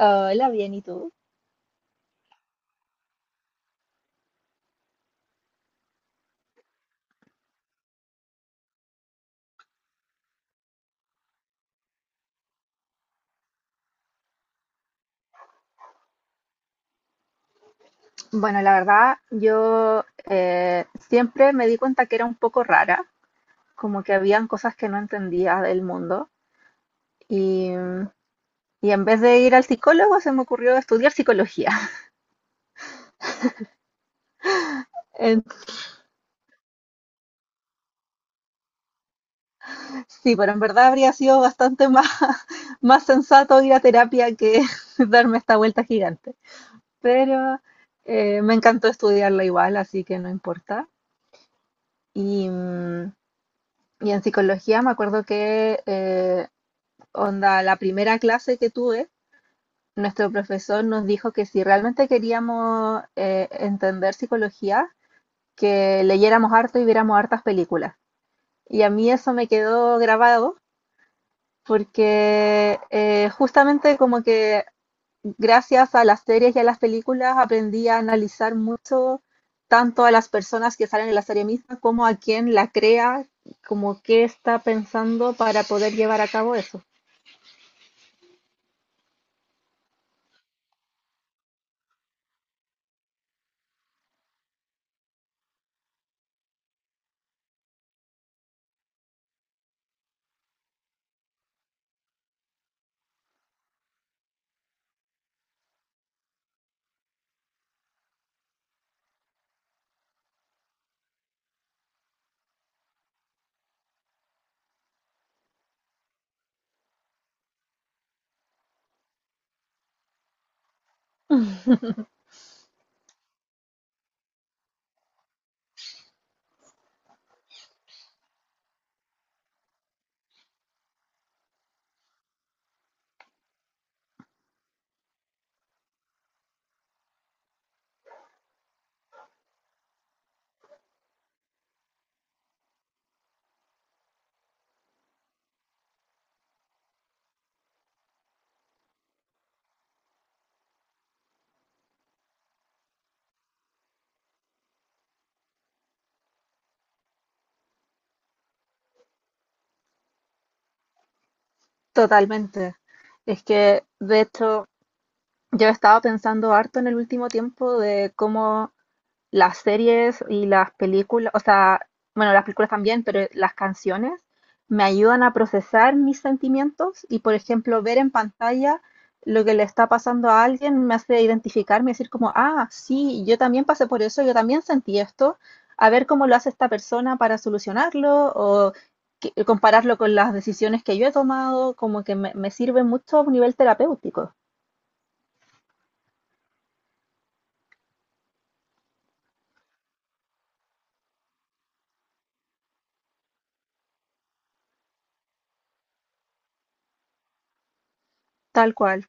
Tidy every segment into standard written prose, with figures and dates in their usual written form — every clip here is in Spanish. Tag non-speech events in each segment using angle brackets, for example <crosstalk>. Hola, bien, ¿y tú? Bueno, la verdad, yo siempre me di cuenta que era un poco rara, como que habían cosas que no entendía del mundo y, y en vez de ir al psicólogo se me ocurrió estudiar psicología. <laughs> En- sí, pero en verdad habría sido bastante más, <laughs> más sensato ir a terapia que <laughs> darme esta vuelta gigante. Pero me encantó estudiarla igual, así que no importa. Y, mm, y en psicología me acuerdo que Onda, la primera clase que tuve, nuestro profesor nos dijo que si realmente queríamos entender psicología, que leyéramos harto y viéramos hartas películas. Y a mí eso me quedó grabado porque justamente como que gracias a las series y a las películas aprendí a analizar mucho tanto a las personas que salen en la serie misma como a quien la crea, como qué está pensando para poder llevar a cabo eso. Totalmente. Es que, de hecho, yo he estado pensando harto en el último tiempo de cómo las series y las películas, o sea, bueno, las películas también, pero las canciones me ayudan a procesar mis sentimientos y, por ejemplo, ver en pantalla lo que le está pasando a alguien me hace identificarme y decir como, ah, sí, yo también pasé por eso, yo también sentí esto, a ver cómo lo hace esta persona para solucionarlo o compararlo con las decisiones que yo he tomado, como que me sirve mucho a un nivel terapéutico, tal cual.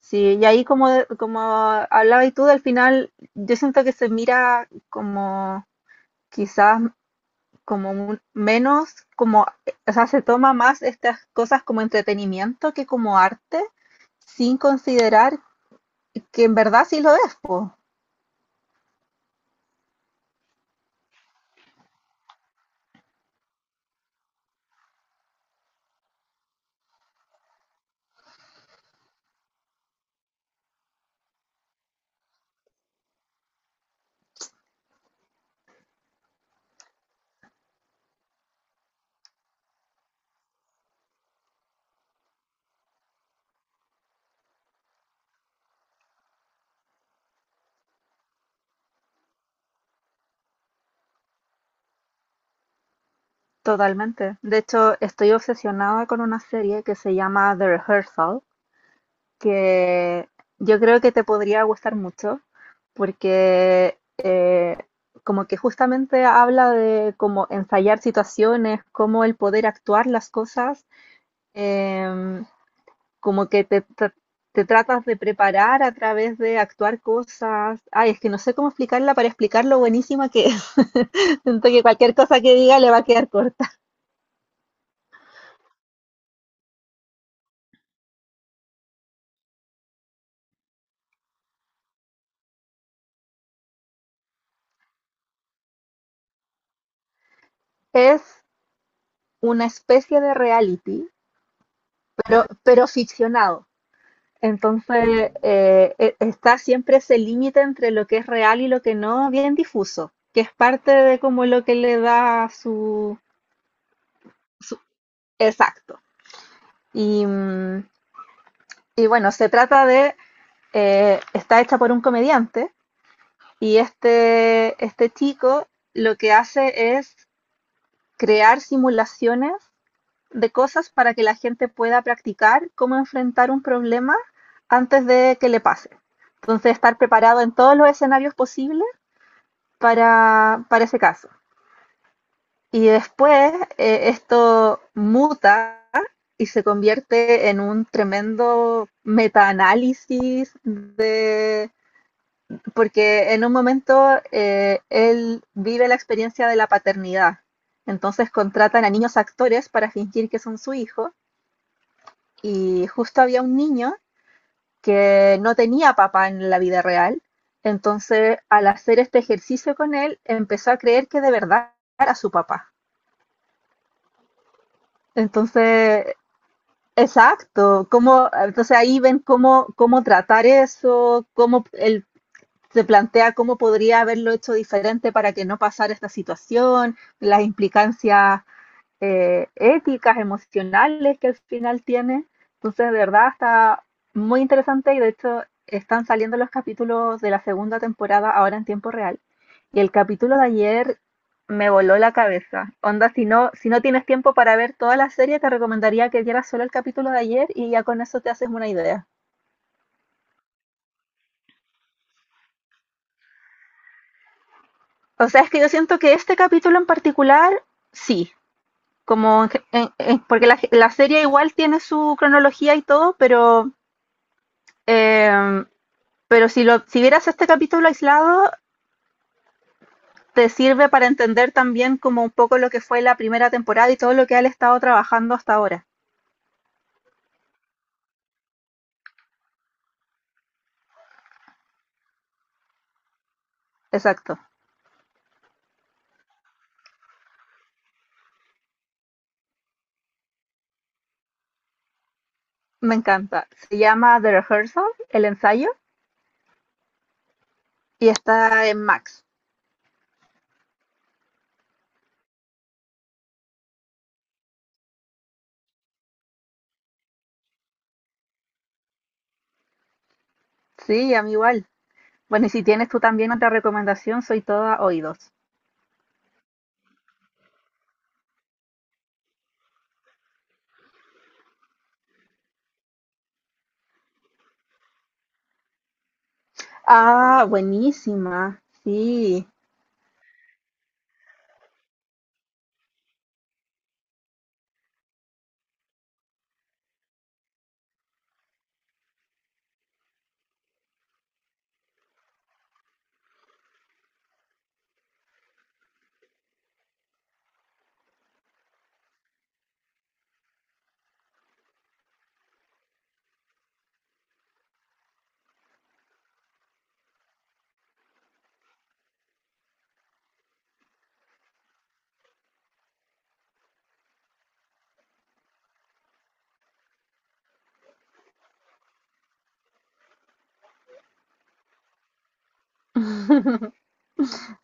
Sí, y ahí como, como hablabas tú, al final yo siento que se mira como quizás como menos, como, o sea, se toma más estas cosas como entretenimiento que como arte, sin considerar que en verdad sí lo es, po, totalmente. De hecho, estoy obsesionada con una serie que se llama The Rehearsal, que yo creo que te podría gustar mucho porque como que justamente habla de cómo ensayar situaciones, cómo el poder actuar las cosas, em, como que te tratas de preparar a través de actuar cosas. Ay, es que no sé cómo explicarla para explicar lo buenísima que es. <laughs> Siento que cualquier cosa que diga le va a quedar corta. Es una especie de reality, pero ficcionado. Entonces, está siempre ese límite entre lo que es real y lo que no, bien difuso, que es parte de como lo que le da su, su- exacto. Y, mm, y bueno, se trata de, está hecha por un comediante y este chico lo que hace es crear simulaciones de cosas para que la gente pueda practicar cómo enfrentar un problema antes de que le pase. Entonces, estar preparado en todos los escenarios posibles para ese caso. Y después esto muta y se convierte en un tremendo metaanálisis de porque en un momento él vive la experiencia de la paternidad. Entonces contratan a niños actores para fingir que son su hijo y justo había un niño que no tenía papá en la vida real. Entonces al hacer este ejercicio con él empezó a creer que de verdad era su papá. Entonces, exacto, cómo, entonces ahí ven cómo, cómo tratar eso, cómo él se plantea cómo podría haberlo hecho diferente para que no pasara esta situación, las implicancias éticas, emocionales que al final tiene. Entonces, de verdad, está muy interesante y de hecho están saliendo los capítulos de la segunda temporada ahora en tiempo real. Y el capítulo de ayer me voló la cabeza. Onda, si no, si no tienes tiempo para ver toda la serie, te recomendaría que vieras solo el capítulo de ayer y ya con eso te haces una idea. O sea, es que yo siento que este capítulo en particular, sí, como en porque la serie igual tiene su cronología y todo, eh, pero si vieras este capítulo aislado, te sirve para entender también como un poco lo que fue la primera temporada y todo lo que él ha estado trabajando hasta ahora. Exacto. Me encanta. Se llama The Rehearsal, el ensayo, y está en Max. Sí, a mí igual. Bueno, y si tienes tú también otra recomendación, soy toda oídos. Ah, buenísima. Sí,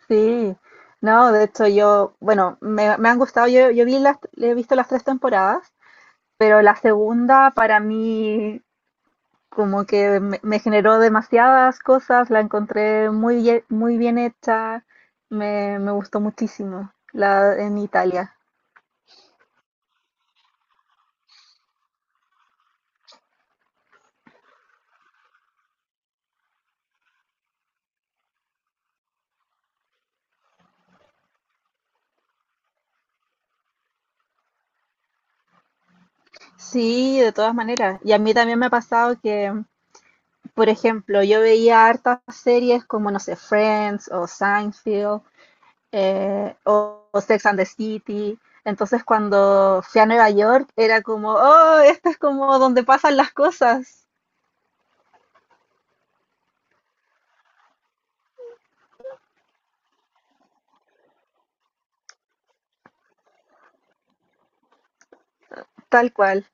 sí. No, de hecho yo, bueno, me han gustado, yo vi las, he visto las tres temporadas, pero la segunda para mí como que me generó demasiadas cosas, la encontré muy bien hecha, me gustó muchísimo la en Italia. Sí, de todas maneras. Y a mí también me ha pasado que, por ejemplo, yo veía hartas series como, no sé, Friends o Seinfeld o Sex and the City. Entonces cuando fui a Nueva York era como, oh, esto es como donde pasan las cosas, tal cual.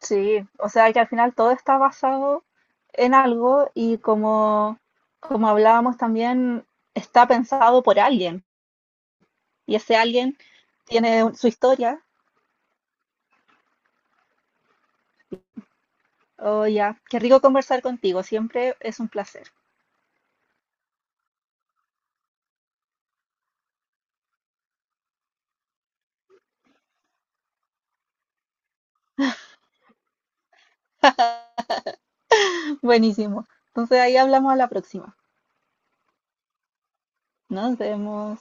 Sí, o sea que al final todo está basado en algo y como, como hablábamos también, está pensado por alguien y ese alguien tiene su historia. Oh, ya, qué rico conversar contigo, siempre es un placer. <laughs> Buenísimo. Entonces ahí hablamos a la próxima. Nos vemos.